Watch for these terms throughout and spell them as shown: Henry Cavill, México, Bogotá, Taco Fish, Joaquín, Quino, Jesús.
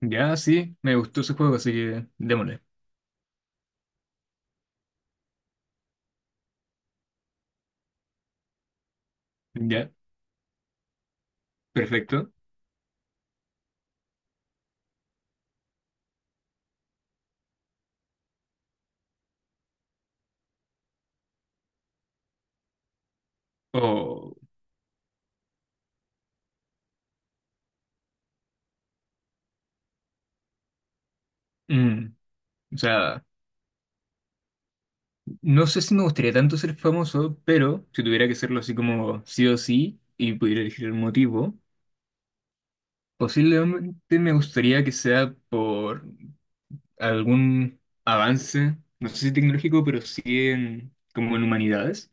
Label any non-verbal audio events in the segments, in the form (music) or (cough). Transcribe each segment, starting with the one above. Ya, sí, me gustó ese juego, así que démosle. Ya, perfecto. O, mm, o sea, no sé si me gustaría tanto ser famoso, pero si tuviera que serlo así como sí o sí y pudiera elegir el motivo, posiblemente me gustaría que sea por algún avance, no sé si tecnológico, pero sí como en humanidades.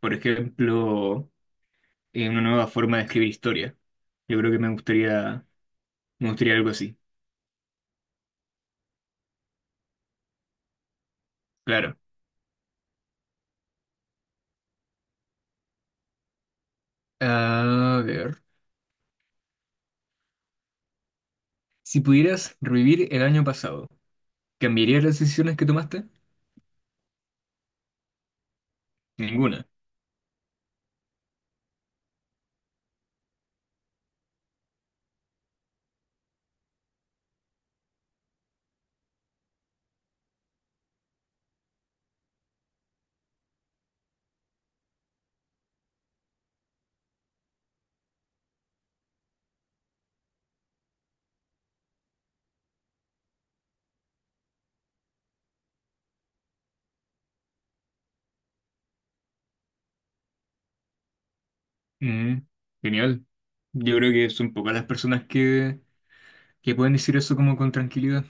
Por ejemplo, en una nueva forma de escribir historia. Yo creo que me gustaría algo así. Claro. A ver. Si pudieras revivir el año pasado, ¿cambiarías las decisiones que tomaste? Ninguna. Mm, genial. Yo creo que son pocas las personas que pueden decir eso como con tranquilidad.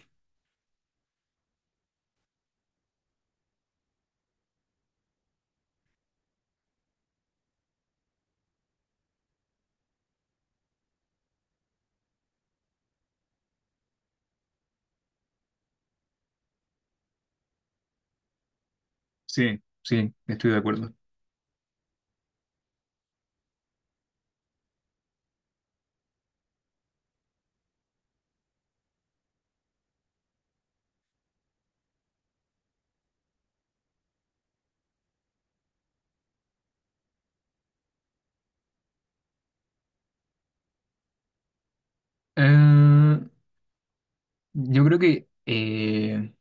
Sí, sí, estoy de acuerdo. Ah, yo creo que,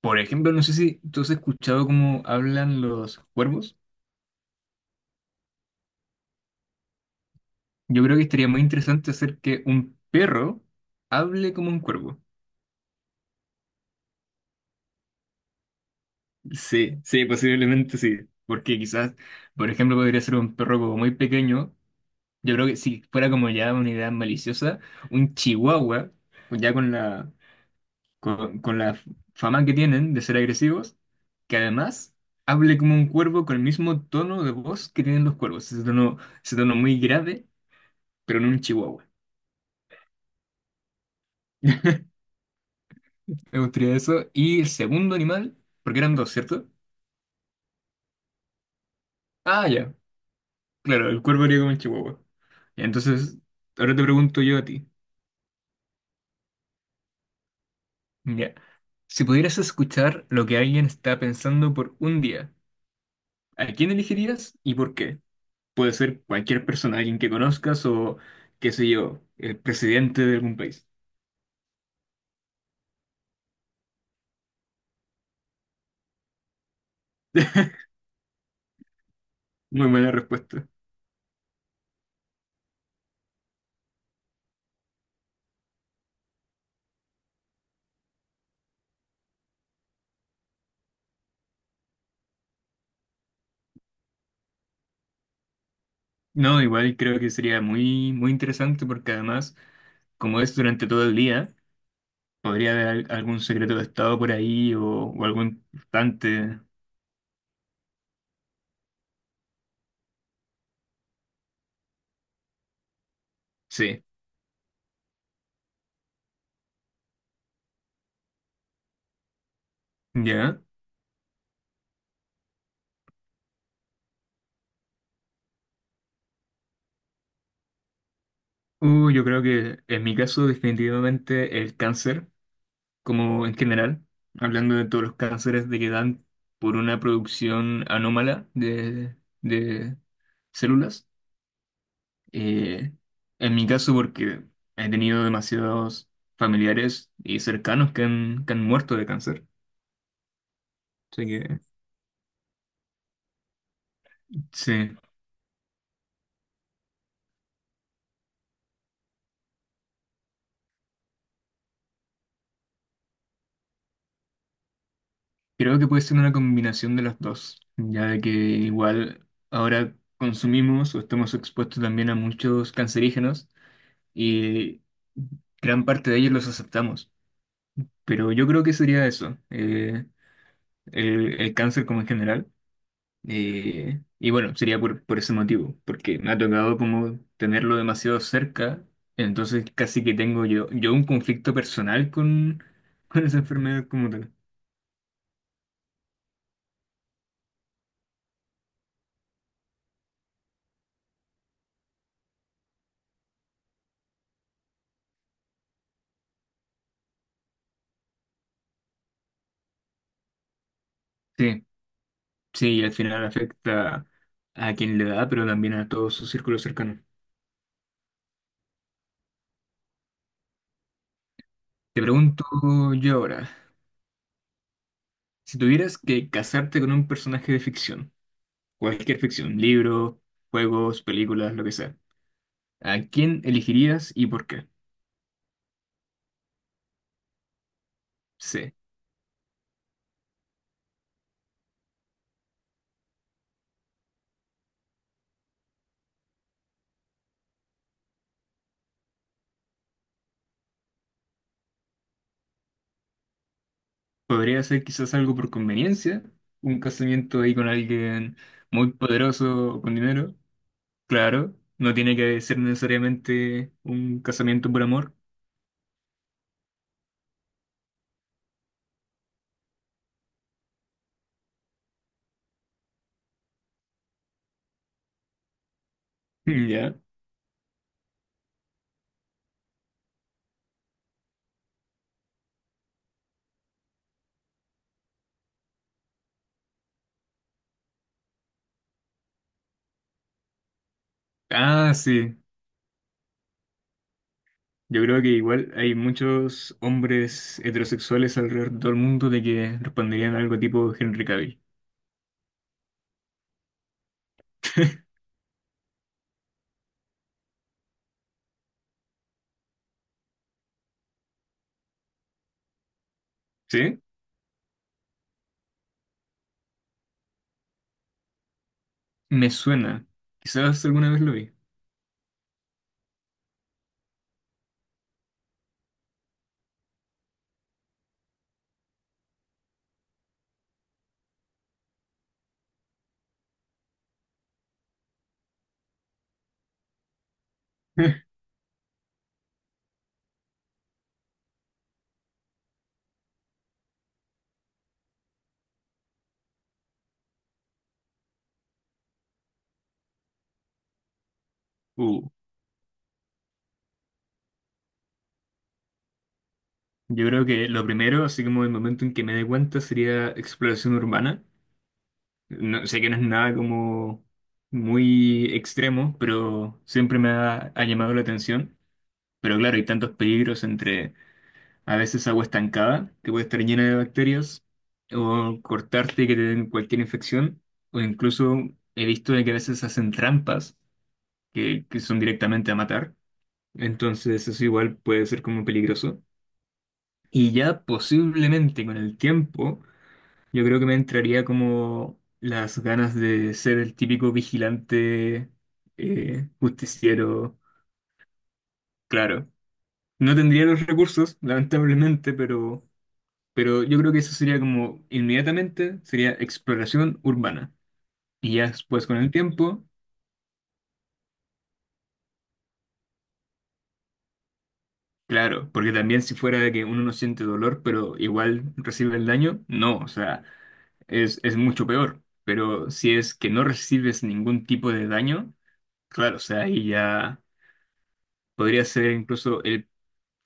por ejemplo, no sé si tú has escuchado cómo hablan los cuervos. Yo creo que estaría muy interesante hacer que un perro hable como un cuervo. Sí, sí, posiblemente sí. Porque quizás, por ejemplo, podría ser un perro como muy pequeño. Yo creo que si fuera como ya una idea maliciosa, un chihuahua, ya con la fama que tienen de ser agresivos, que además hable como un cuervo con el mismo tono de voz que tienen los cuervos. Ese tono muy grave, pero en un chihuahua. (laughs) Me gustaría eso. Y el segundo animal, porque eran dos, ¿cierto? Ah, ya. Claro, el cuervo haría como el chihuahua. Ya, entonces, ahora te pregunto yo a ti. Ya. Si pudieras escuchar lo que alguien está pensando por un día, ¿a quién elegirías y por qué? Puede ser cualquier persona, alguien que conozcas o, qué sé yo, el presidente de algún país. (laughs) Muy buena respuesta. No, igual creo que sería muy, muy interesante porque además, como es durante todo el día, podría haber algún secreto de Estado por ahí o algo importante. Sí, ya. Yo creo que en mi caso definitivamente el cáncer, como en general, hablando de todos los cánceres de que dan por una producción anómala de células. Eh, en mi caso porque he tenido demasiados familiares y cercanos que han muerto de cáncer. Así que sí, creo que puede ser una combinación de las dos, ya de que igual ahora consumimos o estamos expuestos también a muchos cancerígenos y gran parte de ellos los aceptamos. Pero yo creo que sería eso, el cáncer como en general. Eh, y bueno, sería por ese motivo, porque me ha tocado como tenerlo demasiado cerca, entonces casi que tengo yo un conflicto personal con, (laughs) con esa enfermedad como tal. Sí, sí, y al final afecta a quien le da, pero también a todo su círculo cercano. Te pregunto yo ahora, si tuvieras que casarte con un personaje de ficción, cualquier ficción, libros, juegos, películas, lo que sea. ¿A quién elegirías y por qué? C. Podría ser quizás algo por conveniencia, un casamiento ahí con alguien muy poderoso o con dinero. Claro, no tiene que ser necesariamente un casamiento por amor. (laughs) Mm, ya. Ah, sí. Yo creo que igual hay muchos hombres heterosexuales alrededor del mundo de que responderían algo tipo Henry Cavill. ¿Sí? Me suena. Quizás alguna vez lo vi. (laughs) Uh, yo creo que lo primero, así como el momento en que me dé cuenta, sería exploración urbana. No, sé que no es nada como muy extremo, pero siempre me ha llamado la atención. Pero claro, hay tantos peligros entre a veces agua estancada, que puede estar llena de bacterias, o cortarte y que te den cualquier infección, o incluso he visto de que a veces hacen trampas que son directamente a matar. Entonces eso igual puede ser como peligroso. Y ya posiblemente con el tiempo yo creo que me entraría como las ganas de ser el típico vigilante, justiciero, claro. No tendría los recursos, lamentablemente, pero yo creo que eso sería como inmediatamente, sería exploración urbana. Y ya después con el tiempo, claro, porque también si fuera de que uno no siente dolor, pero igual recibe el daño, no, o sea, es mucho peor. Pero si es que no recibes ningún tipo de daño, claro, o sea, ahí ya... Podría ser incluso el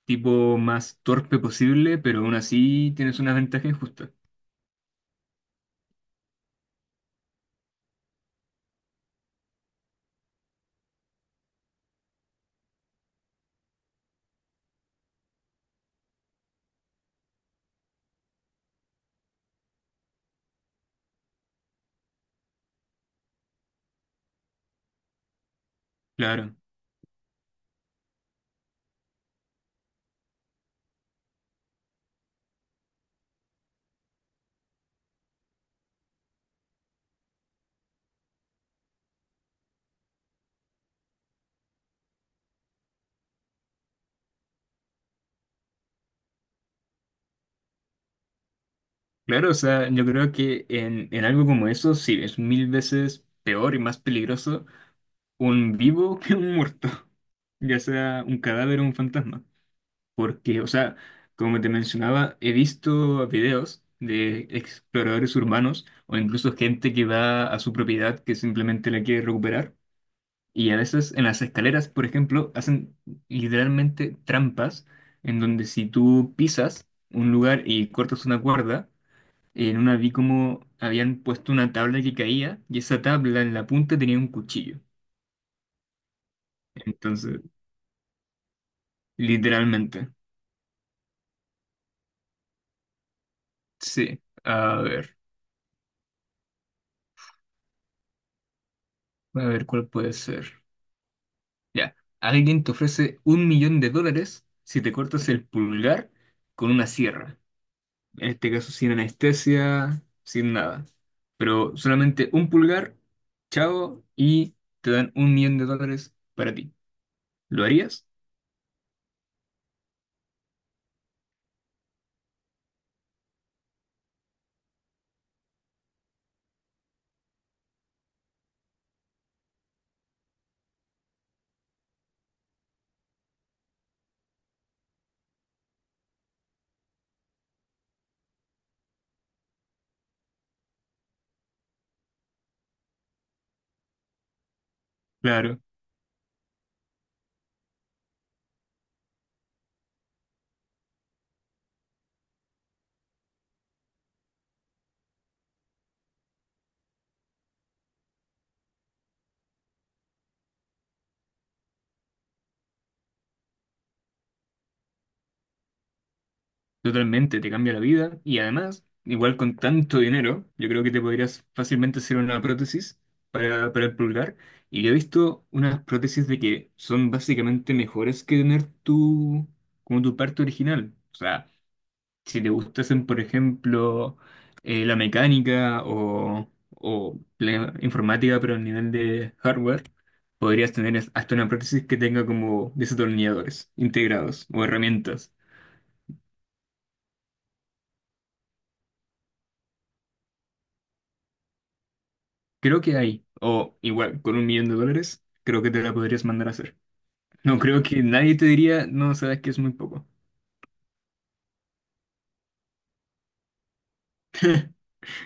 tipo más torpe posible, pero aún así tienes una ventaja injusta. Claro, claro, o sea, yo creo que en algo como eso sí es mil veces peor y más peligroso un vivo (laughs) que un muerto, ya sea un cadáver o un fantasma. Porque, o sea, como te mencionaba, he visto videos de exploradores urbanos o incluso gente que va a su propiedad que simplemente la quiere recuperar. Y a veces en las escaleras, por ejemplo, hacen literalmente trampas en donde si tú pisas un lugar y cortas una cuerda, en una vi como habían puesto una tabla que caía y esa tabla en la punta tenía un cuchillo. Entonces, literalmente. Sí. A ver cuál puede ser. Ya. Alguien te ofrece $1.000.000 si te cortas el pulgar con una sierra. En este caso sin anestesia, sin nada. Pero solamente un pulgar, chao, y te dan $1.000.000 para ti. ¿Lo harías? Claro, totalmente, te cambia la vida. Y además, igual con tanto dinero, yo creo que te podrías fácilmente hacer una prótesis para el pulgar. Y yo he visto unas prótesis de que son básicamente mejores que tener tu, como tu parte original. O sea, si te gustasen, por ejemplo, la mecánica o la informática, pero a nivel de hardware, podrías tener hasta una prótesis que tenga como desatornilladores integrados o herramientas. Creo que hay, o igual, con $1.000.000, creo que te la podrías mandar a hacer. No creo que nadie te diría, no, sabes que es muy poco.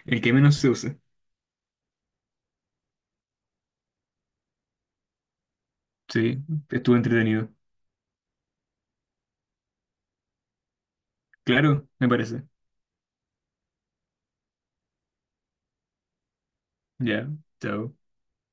El que menos se use. Sí, estuvo entretenido. Claro, me parece. Ya, chao.